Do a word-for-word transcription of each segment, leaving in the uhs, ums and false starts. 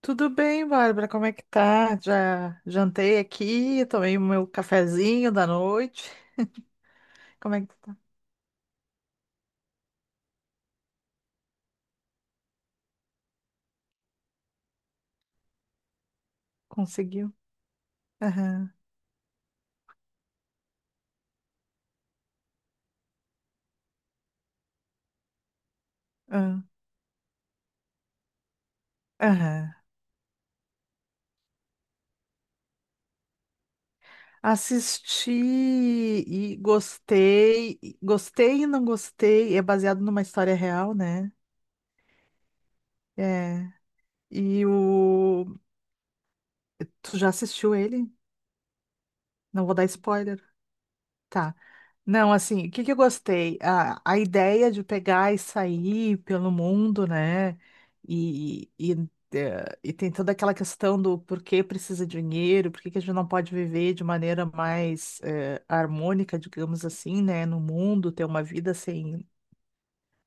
Tudo bem, Bárbara? Como é que tá? Já jantei aqui, tomei o meu cafezinho da noite. Como é que tu tá? Conseguiu? Aham, aham, aham. Assisti e gostei, e- gostei e não gostei. É baseado numa história real, né? É. E o. Tu já assistiu ele? Não vou dar spoiler. Tá. Não, assim, o que que eu gostei? A, a ideia de pegar e sair pelo mundo, né? E, e, eh, e tem toda aquela questão do por que precisa de dinheiro, por que que a gente não pode viver de maneira mais eh, harmônica, digamos assim, né? No mundo, ter uma vida sem,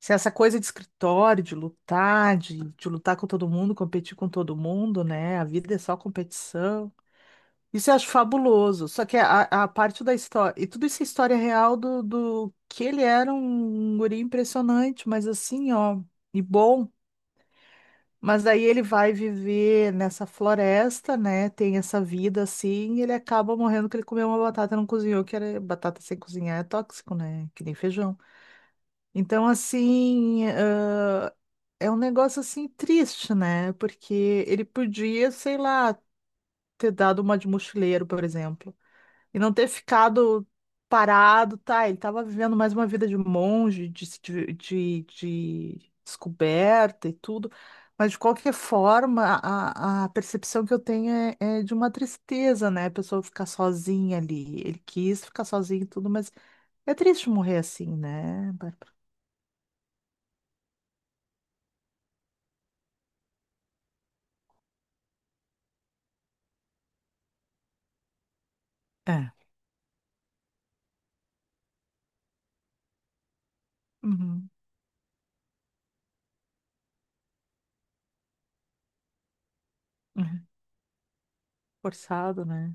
sem essa coisa de escritório, de lutar, de, de lutar com todo mundo, competir com todo mundo, né? A vida é só competição. Isso eu acho fabuloso. Só que a, a parte da história. E tudo isso é história real do, do que ele era um guri impressionante, mas assim, ó, e bom. Mas daí ele vai viver nessa floresta, né? Tem essa vida assim, e ele acaba morrendo porque ele comeu uma batata e não cozinhou, que era batata sem cozinhar é tóxico, né? Que nem feijão. Então, assim, ãh, é um negócio assim triste, né? Porque ele podia, sei lá, ter dado uma de mochileiro, por exemplo. E não ter ficado parado, tá? Ele estava vivendo mais uma vida de monge, de, se de, de- de descoberta e tudo, mas de qualquer forma, a, a percepção que eu tenho é, é de uma tristeza, né? A pessoa ficar sozinha ali. Ele quis ficar sozinho e tudo, mas é triste morrer assim, né, Bárbara? É. Uhum. Uhum. Forçado, né?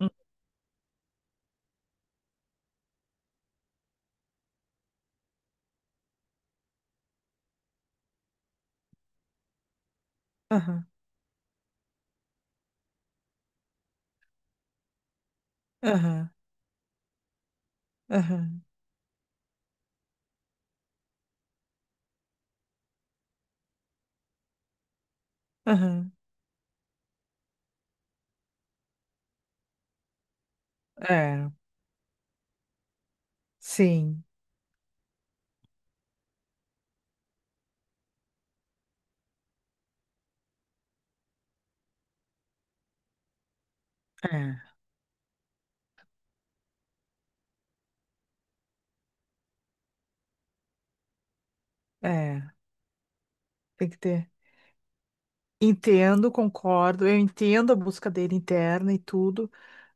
Uhum. Aham, aham, aham, aham. É, sim, é, é. Tem que ter. Entendo, concordo, eu entendo a busca dele interna e tudo,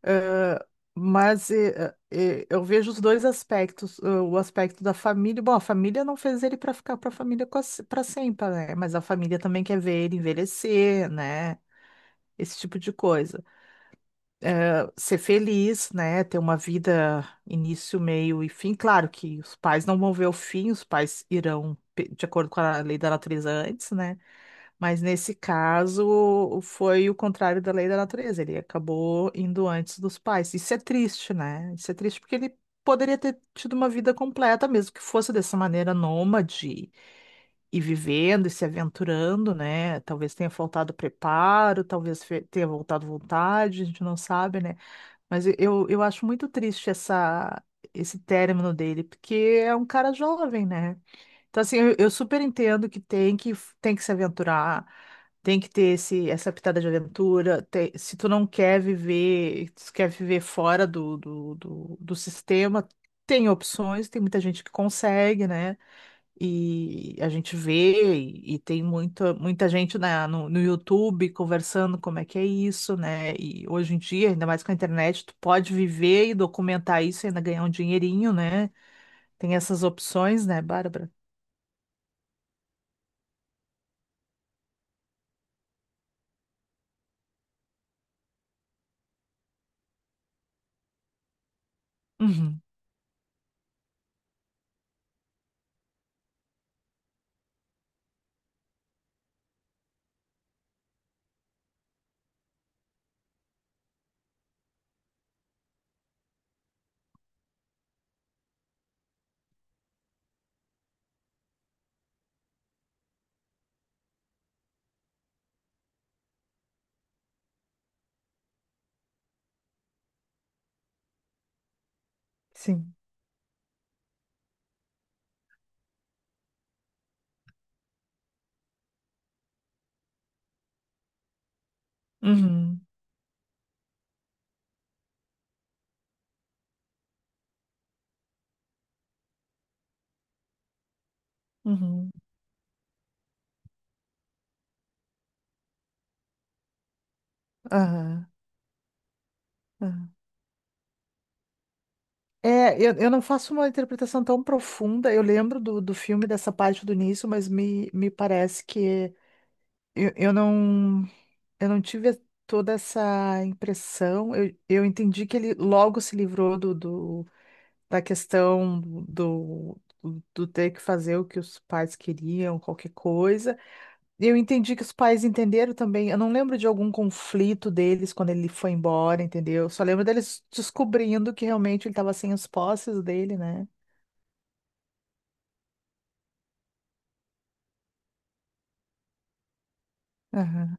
eh, mas eh, eh, eh, eu vejo os dois aspectos, eh, o aspecto da família, bom, a família não fez ele para ficar para a família para sempre, né? Mas a família também quer ver ele envelhecer, né? Esse tipo de coisa ser feliz, né? Ter uma vida início, meio e fim. Claro que os pais não vão ver o fim, os pais irão pe- de acordo com a lei da natureza antes, né? Mas nesse caso foi o contrário da lei da natureza. Ele acabou indo antes dos pais. Isso é triste, né? Isso é triste porque ele poderia ter tido uma vida completa, mesmo que fosse dessa maneira nômade e vivendo e se aventurando, né? Talvez tenha faltado preparo, talvez fe- tenha voltado vontade, a gente não sabe, né? Mas e- eu, eu acho muito triste essa, esse término dele, porque é um cara jovem, né? Então, assim, eu, eu super entendo que tem que, tem que se aventurar, tem que ter esse, essa pitada de aventura. Tem- se tu não quer viver, se tu quer viver fora do, do, do, do sistema, tem opções, tem muita gente que consegue, né? E a gente vê, e, e tem muita, muita gente na, no, no YouTube conversando como é que é isso, né? E hoje em dia, ainda mais com a internet, tu pode viver e documentar isso e ainda ganhar um dinheirinho, né? Tem essas opções, né, Bárbara? Uhum, sim. Uhum, uhum, aham, aham. É, eu, eu não faço uma interpretação tão profunda. Eu lembro do, do filme dessa parte do início, mas me, me parece que eu, eu não. Eu não tive toda essa impressão. Eu, eu entendi que ele logo se livrou do, do- da questão do, do ter que fazer o que os pais queriam, qualquer coisa. Eu entendi que os pais entenderam também. Eu não lembro de algum conflito deles quando ele foi embora, entendeu? Só lembro deles descobrindo que realmente ele estava sem os posses dele, né? Aham.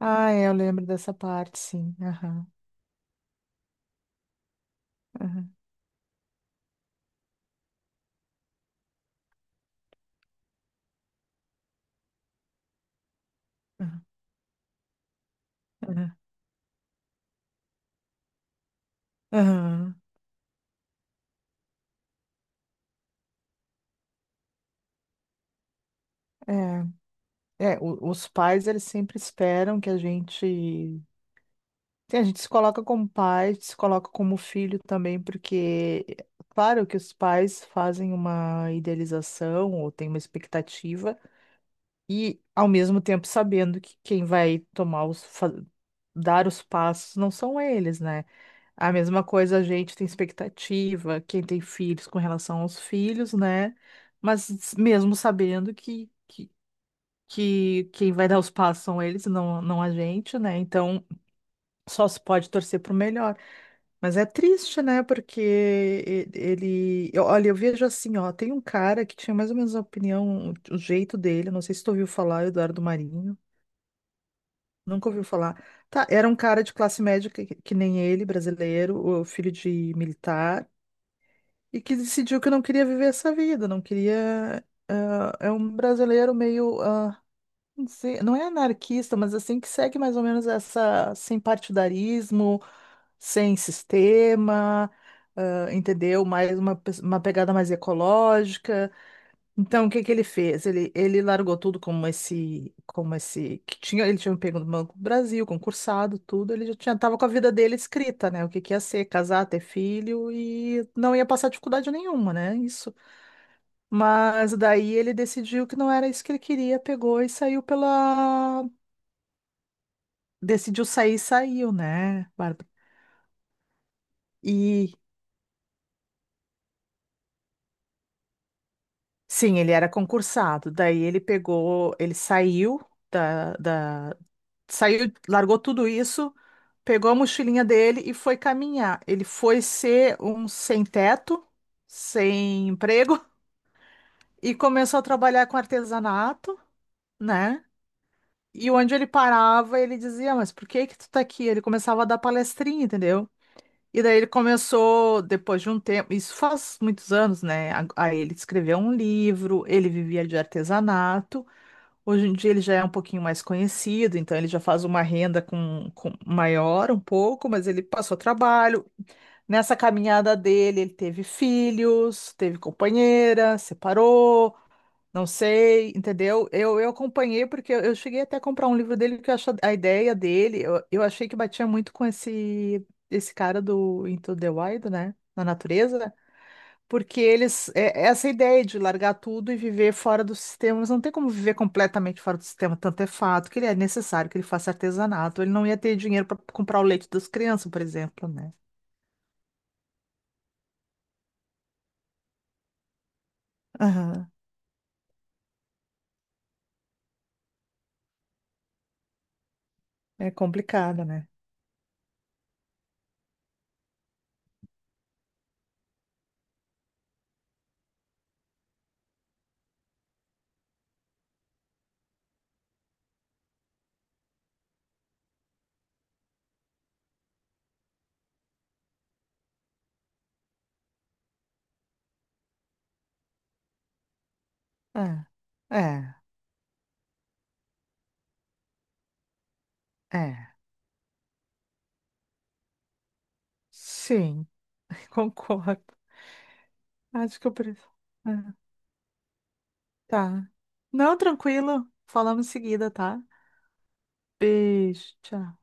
Ah, é, eu lembro dessa parte, sim. Aham, aham, aham, aham, aham. É. É, o- os pais, eles sempre esperam que a gente. Sim, a gente se coloca como pai, se coloca como filho também, porque, claro que os pais fazem uma idealização ou têm uma expectativa, e ao mesmo tempo sabendo que quem vai tomar os, fa- dar os passos não são eles, né? A mesma coisa, a gente tem expectativa, quem tem filhos com relação aos filhos, né? Mas mesmo sabendo que que quem vai dar os passos são eles, não, não a gente, né? Então só se pode torcer pro melhor. Mas é triste, né? Porque e- ele. Eu- olha, eu vejo assim, ó, tem um cara que tinha mais ou menos a opinião, o o jeito dele, não sei se tu ouviu falar, Eduardo Marinho. Nunca ouviu falar. Tá, era um cara de classe média que, que nem ele, brasileiro, o filho de militar, e que decidiu que não queria viver essa vida, não queria. Ah, é um brasileiro meio ah, não sei, não é anarquista, mas assim que segue mais ou menos essa sem partidarismo, sem sistema, ah, entendeu? Mais uma, pes- uma pegada mais ecológica. Então, o que que ele fez? Ele, ele largou tudo como esse, como esse que tinha, ele tinha pego no Banco do Brasil, concursado, tudo. Ele já tinha, tava com a vida dele escrita, né? O que que ia ser, casar, ter filho e não ia passar dificuldade nenhuma, né? Isso. Mas daí ele decidiu que não era isso que ele queria, pegou e saiu pela decidiu sair, saiu, né, Bárbara? E sim, ele era concursado. Daí ele pegou, ele saiu da, da, saiu, largou tudo isso, pegou a mochilinha dele e foi caminhar. Ele foi ser um sem teto, sem emprego e começou a trabalhar com artesanato, né? E onde ele parava, ele dizia, mas por que que tu tá aqui? Ele começava a dar palestrinha, entendeu? E daí ele começou, depois de um tempo, isso faz muitos anos, né? A- Aí ele escreveu um livro, ele vivia de artesanato. Hoje em dia ele já é um pouquinho mais conhecido, então ele já faz uma renda com, com- maior um pouco, mas ele passou trabalho. Nessa caminhada dele, ele teve filhos, teve companheira, separou. Não sei, entendeu? Eu, eu acompanhei porque eu, eu cheguei até a comprar um livro dele que eu acho a ideia dele, eu, eu achei que batia muito com esse esse cara do Into the Wild, né? Na natureza, porque eles é- é essa ideia de largar tudo e viver fora do sistema, mas não tem como viver completamente fora do sistema, tanto é fato que ele é necessário que ele faça artesanato, ele não ia ter dinheiro para comprar o leite das crianças, por exemplo, né? Aham. É complicado, né? É, é, é. Sim, concordo. Acho que eu prefiro. Tá. Não, tranquilo. Falamos em seguida, tá? Beijo. Tchau.